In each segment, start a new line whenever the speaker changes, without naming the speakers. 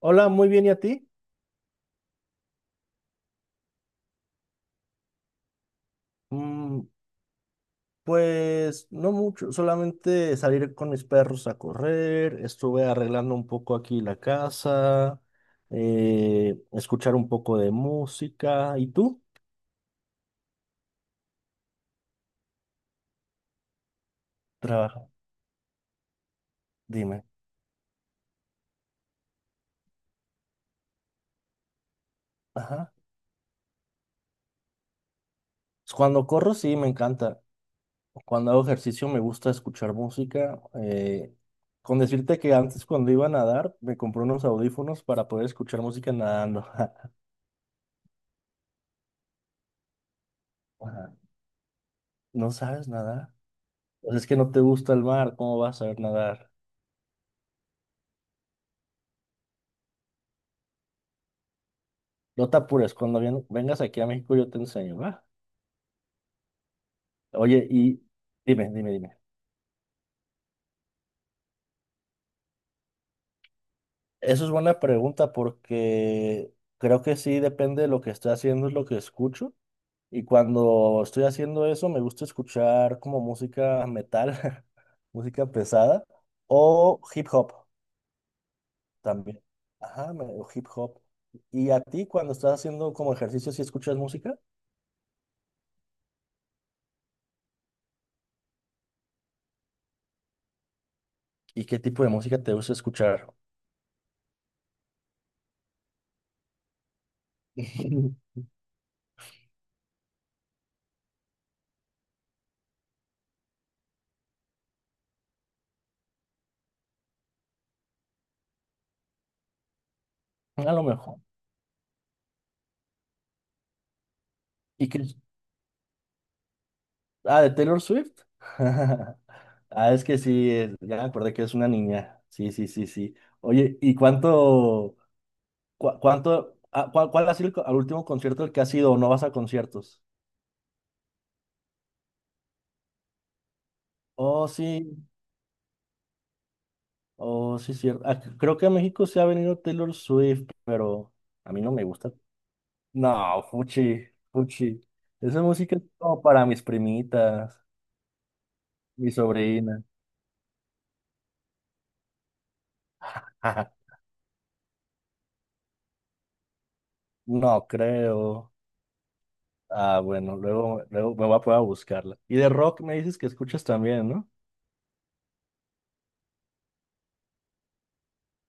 Hola, muy bien, ¿y a ti? Mm, pues no mucho, solamente salir con mis perros a correr, estuve arreglando un poco aquí la casa, escuchar un poco de música. ¿Y tú? Trabaja, dime. Ajá. Cuando corro, sí, me encanta. Cuando hago ejercicio, me gusta escuchar música. Con decirte que antes, cuando iba a nadar, me compré unos audífonos para poder escuchar música nadando. Ajá. ¿No sabes nadar? Pues es que no te gusta el mar, ¿cómo vas a saber nadar? No te apures, cuando vengas aquí a México yo te enseño, ¿va? Oye, y dime, dime, dime. Eso es buena pregunta porque creo que sí depende de lo que estoy haciendo, es lo que escucho. Y cuando estoy haciendo eso, me gusta escuchar como música metal, música pesada o hip hop también. Ajá, o hip hop. ¿Y a ti cuando estás haciendo como ejercicio, si escuchas música? ¿Y qué tipo de música te gusta escuchar? A lo mejor. ¿Y qué? Ah, de Taylor Swift. Ah, es que sí, ya me acordé que es una niña. Sí, sí, sí, sí. Oye, ¿y cuánto, cuál ha sido el, co- al último concierto al que has ido o no vas a conciertos? Oh, sí, oh, sí, cierto. Ah, creo que a México se ha venido Taylor Swift, pero a mí no me gusta. No, fuchi, fuchi. Esa música es como para mis primitas, mi sobrina. No creo. Ah, bueno, luego, luego me voy a poner buscarla. Y de rock me dices que escuchas también, ¿no?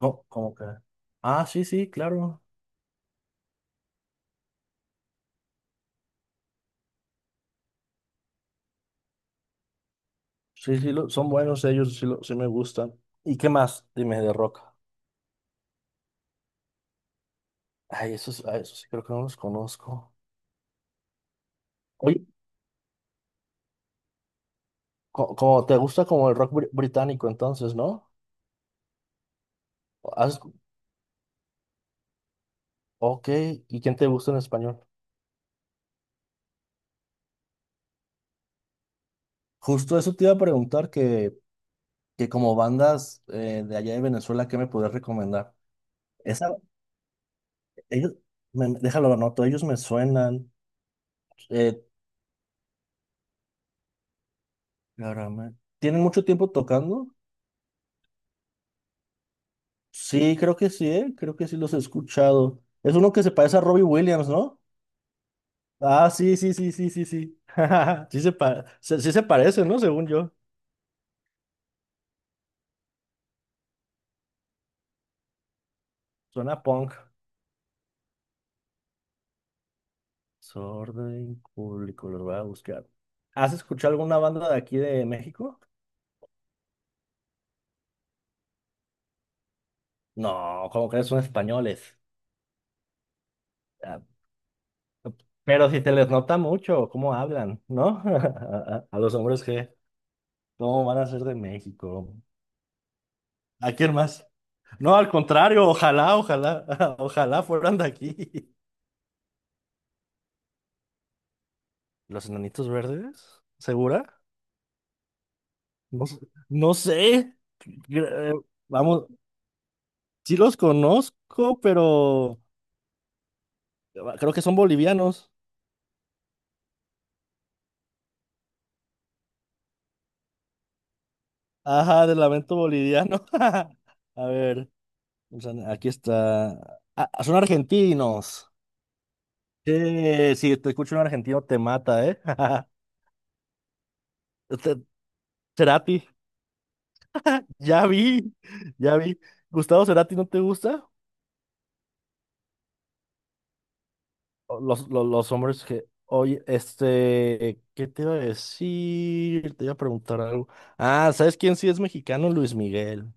No, ¿cómo que? Ah, sí, sí, claro. Sí, sí, son buenos ellos, sí, sí me gustan. ¿Y qué más? Dime de rock. Ay, esos sí creo que no los conozco. Oye, como te gusta como el rock británico entonces, ¿no? Has- ok, ¿y quién te gusta en español? Justo eso te iba a preguntar que, como bandas de allá de Venezuela, ¿qué me puedes recomendar? Esa, ellos, déjalo, lo anoto, ellos me suenan. Eh, Ahora, ¿tienen mucho tiempo tocando? Sí, creo que sí, ¿eh? Creo que sí los he escuchado. Es uno que se parece a Robbie Williams, ¿no? Ah, sí, sí, sí, sí, sí, sí. Sí se parece, ¿no? Según yo. Suena punk. Desorden público, los voy a buscar. ¿Has escuchado alguna banda de aquí de México? No, como que son españoles. Ah, pero si te les nota mucho cómo hablan, ¿no? A los hombres que, ¿cómo van a ser de México? ¿A quién más? No, al contrario, ojalá, ojalá, ojalá fueran de aquí. ¿Los enanitos verdes? ¿Segura? No sé. No sé. Vamos, sí los conozco, pero creo que son bolivianos. Ajá, del lamento boliviano. A ver, o sea, aquí está. Ah, son argentinos. Si te escucho un argentino te mata, ¿eh? Te- Cerati, ya vi, ya vi. Gustavo Cerati, ¿no te gusta? Los hombres que, oye, este, ¿qué te iba a decir? Te iba a preguntar algo. Ah, ¿sabes quién sí es mexicano? Luis Miguel.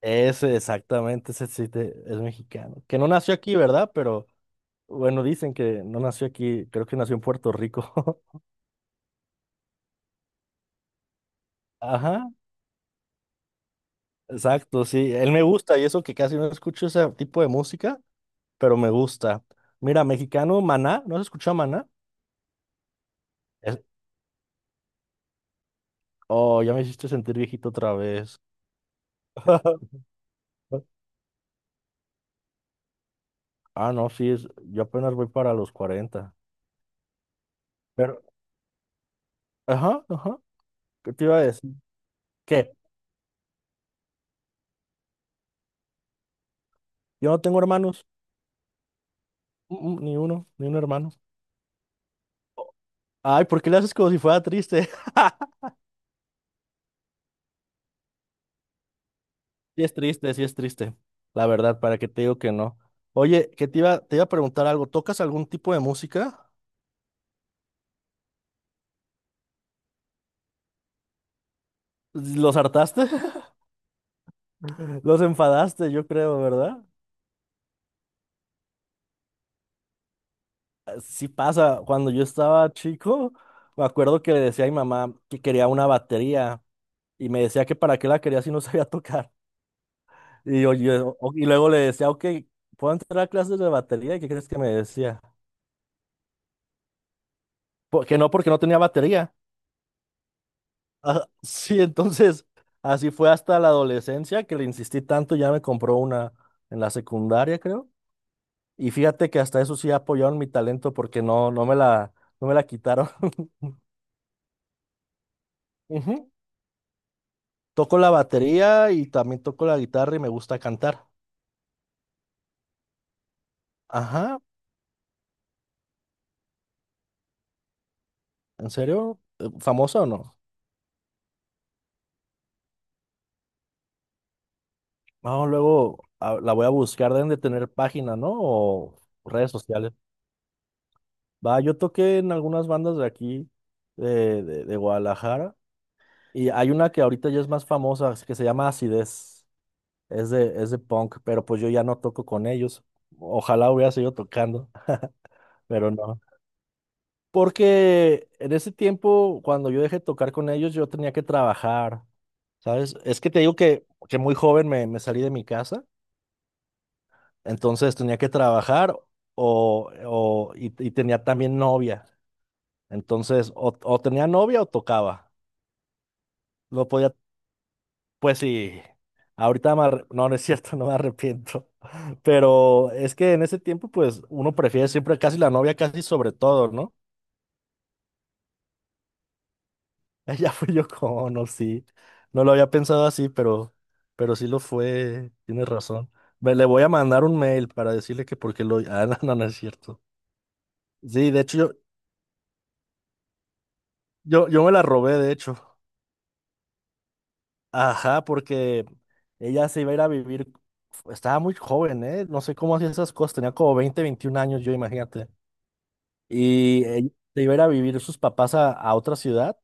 Ese, exactamente, ese sí es mexicano. Que no nació aquí, ¿verdad? Pero bueno, dicen que no nació aquí, creo que nació en Puerto Rico. Ajá, exacto, sí. Él me gusta y eso que casi no escucho ese tipo de música, pero me gusta. Mira, mexicano, Maná, ¿no has escuchado Maná? Es- Oh, ya me hiciste sentir viejito otra vez. Ah, no, sí, es, yo apenas voy para los 40. Pero, ajá, ajá, ¿qué te iba a decir? ¿Qué? Yo no tengo hermanos. Mm, mm, ni uno, ni un hermano. Ay, ¿por qué le haces como si fuera triste? Sí es triste, sí es triste. La verdad, ¿para qué te digo que no? Oye, que te iba a preguntar algo. ¿Tocas algún tipo de música? ¿Los hartaste? Los enfadaste, yo creo, ¿verdad? Ah, sí pasa. Cuando yo estaba chico, me acuerdo que le decía a mi mamá que quería una batería y me decía que para qué la quería si no sabía tocar. Y luego le decía, ok, ¿puedo entrar a clases de batería? ¿Y qué crees que me decía? " Que no, porque no tenía batería. Ah, sí, entonces así fue hasta la adolescencia que le insistí tanto, ya me compró una en la secundaria, creo. Y fíjate que hasta eso sí apoyaron mi talento porque no, no me la quitaron. Ujú. Toco la batería y también toco la guitarra y me gusta cantar. Ajá, ¿en serio? ¿Famoso o no? No, luego la voy a buscar, deben de tener página, ¿no? O redes sociales. Va, yo toqué en algunas bandas de aquí, de Guadalajara, y hay una que ahorita ya es más famosa, que se llama Acidez. Es de punk, pero pues yo ya no toco con ellos. Ojalá hubiera seguido tocando, pero no. Porque en ese tiempo, cuando yo dejé de tocar con ellos, yo tenía que trabajar, ¿sabes? Es que te digo que, muy joven me salí de mi casa. Entonces tenía que trabajar y tenía también novia. Entonces, o tenía novia o tocaba. No podía, pues sí, ahorita me no, no es cierto, no me arrepiento. Pero es que en ese tiempo, pues uno prefiere siempre casi la novia, casi sobre todo, ¿no? Ella fui yo con, no, sí. No lo había pensado así, pero, sí lo fue. Tienes razón. Le voy a mandar un mail para decirle que porque lo... Ah, no, no, no es cierto. Sí, de hecho, yo me la robé, de hecho. Ajá, porque ella se iba a ir a vivir, estaba muy joven, ¿eh? No sé cómo hacía esas cosas, tenía como 20 21 años, yo imagínate. Y ella se iba a ir a vivir sus papás a, otra ciudad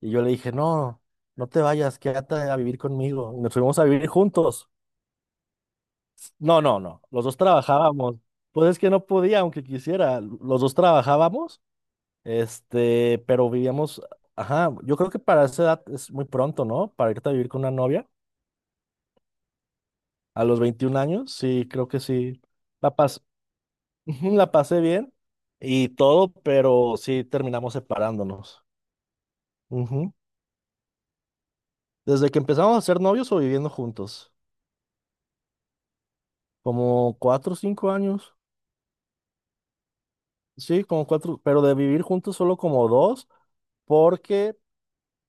y yo le dije, no, no te vayas, quédate a vivir conmigo. Y nos fuimos a vivir juntos. No, no, no, los dos trabajábamos. Pues es que no podía, aunque quisiera, los dos trabajábamos, este, pero vivíamos, ajá, yo creo que para esa edad es muy pronto, ¿no? Para irte a vivir con una novia. A los 21 años, sí, creo que sí. La pas- ujú, la pasé bien y todo, pero sí terminamos separándonos. Ujú. Desde que empezamos a ser novios o viviendo juntos, como 4 o 5 años. Sí, como cuatro, pero de vivir juntos solo como dos, porque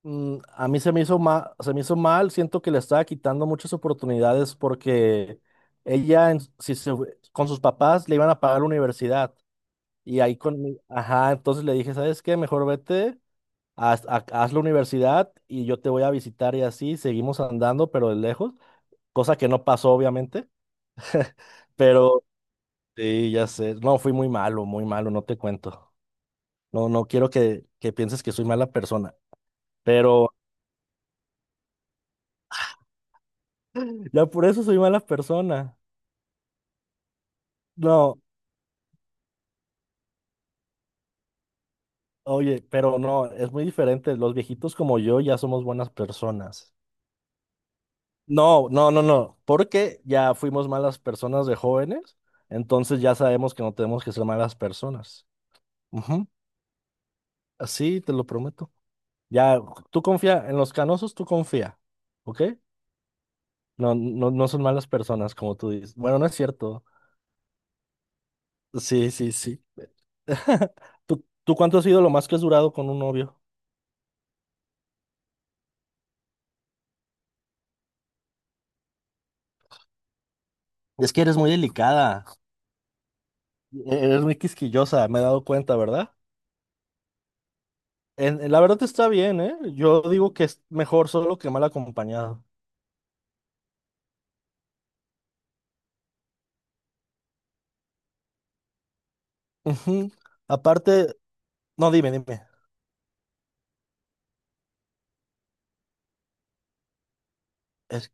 a mí se me hizo mal, se me hizo mal, siento que le estaba quitando muchas oportunidades porque ella, en- si se fue- con sus papás le iban a pagar la universidad. Y ahí con, ajá, entonces le dije, ¿sabes qué? Mejor vete haz la universidad y yo te voy a visitar y así seguimos andando, pero de lejos, cosa que no pasó obviamente, pero sí, ya sé, no, fui muy malo, no te cuento. No, no quiero que pienses que soy mala persona, pero ya por eso soy mala persona. No, oye, pero no, es muy diferente, los viejitos como yo ya somos buenas personas. No, no, no, no, porque ya fuimos malas personas de jóvenes, entonces ya sabemos que no tenemos que ser malas personas. Ujú. Sí, te lo prometo. Ya, tú confía, en los canosos tú confía, ¿ok? No, no, no son malas personas, como tú dices. Bueno, no es cierto. Sí, sí, sí. ¿Tú cuánto has sido lo más que has durado con un novio? Es que eres muy delicada, eres muy quisquillosa, me he dado cuenta, ¿verdad? La verdad está bien, ¿eh? Yo digo que es mejor solo que mal acompañado. Ujú. Aparte, no, dime, dime. Es-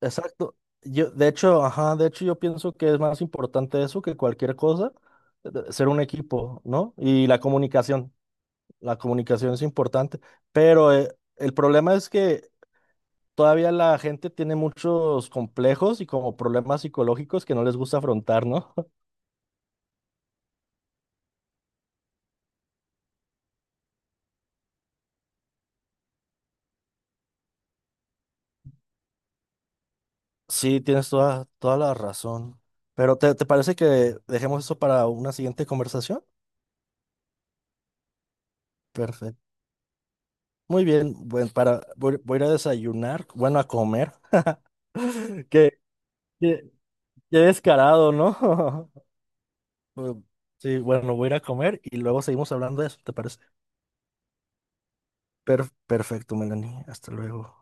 Exacto. Yo, de hecho, ajá, de hecho yo pienso que es más importante eso que cualquier cosa, ser un equipo, ¿no? Y la comunicación es importante, pero el problema es que todavía la gente tiene muchos complejos y como problemas psicológicos que no les gusta afrontar, ¿no? Sí, tienes toda la razón. Pero ¿te parece que dejemos eso para una siguiente conversación? Perfecto. Muy bien, bueno, para, voy a ir a desayunar, bueno, a comer. Que, que- qué descarado, ¿no? Mm, sí, bueno, voy a ir a comer y luego seguimos hablando de eso, ¿te parece? Perfecto, Melanie. Hasta luego.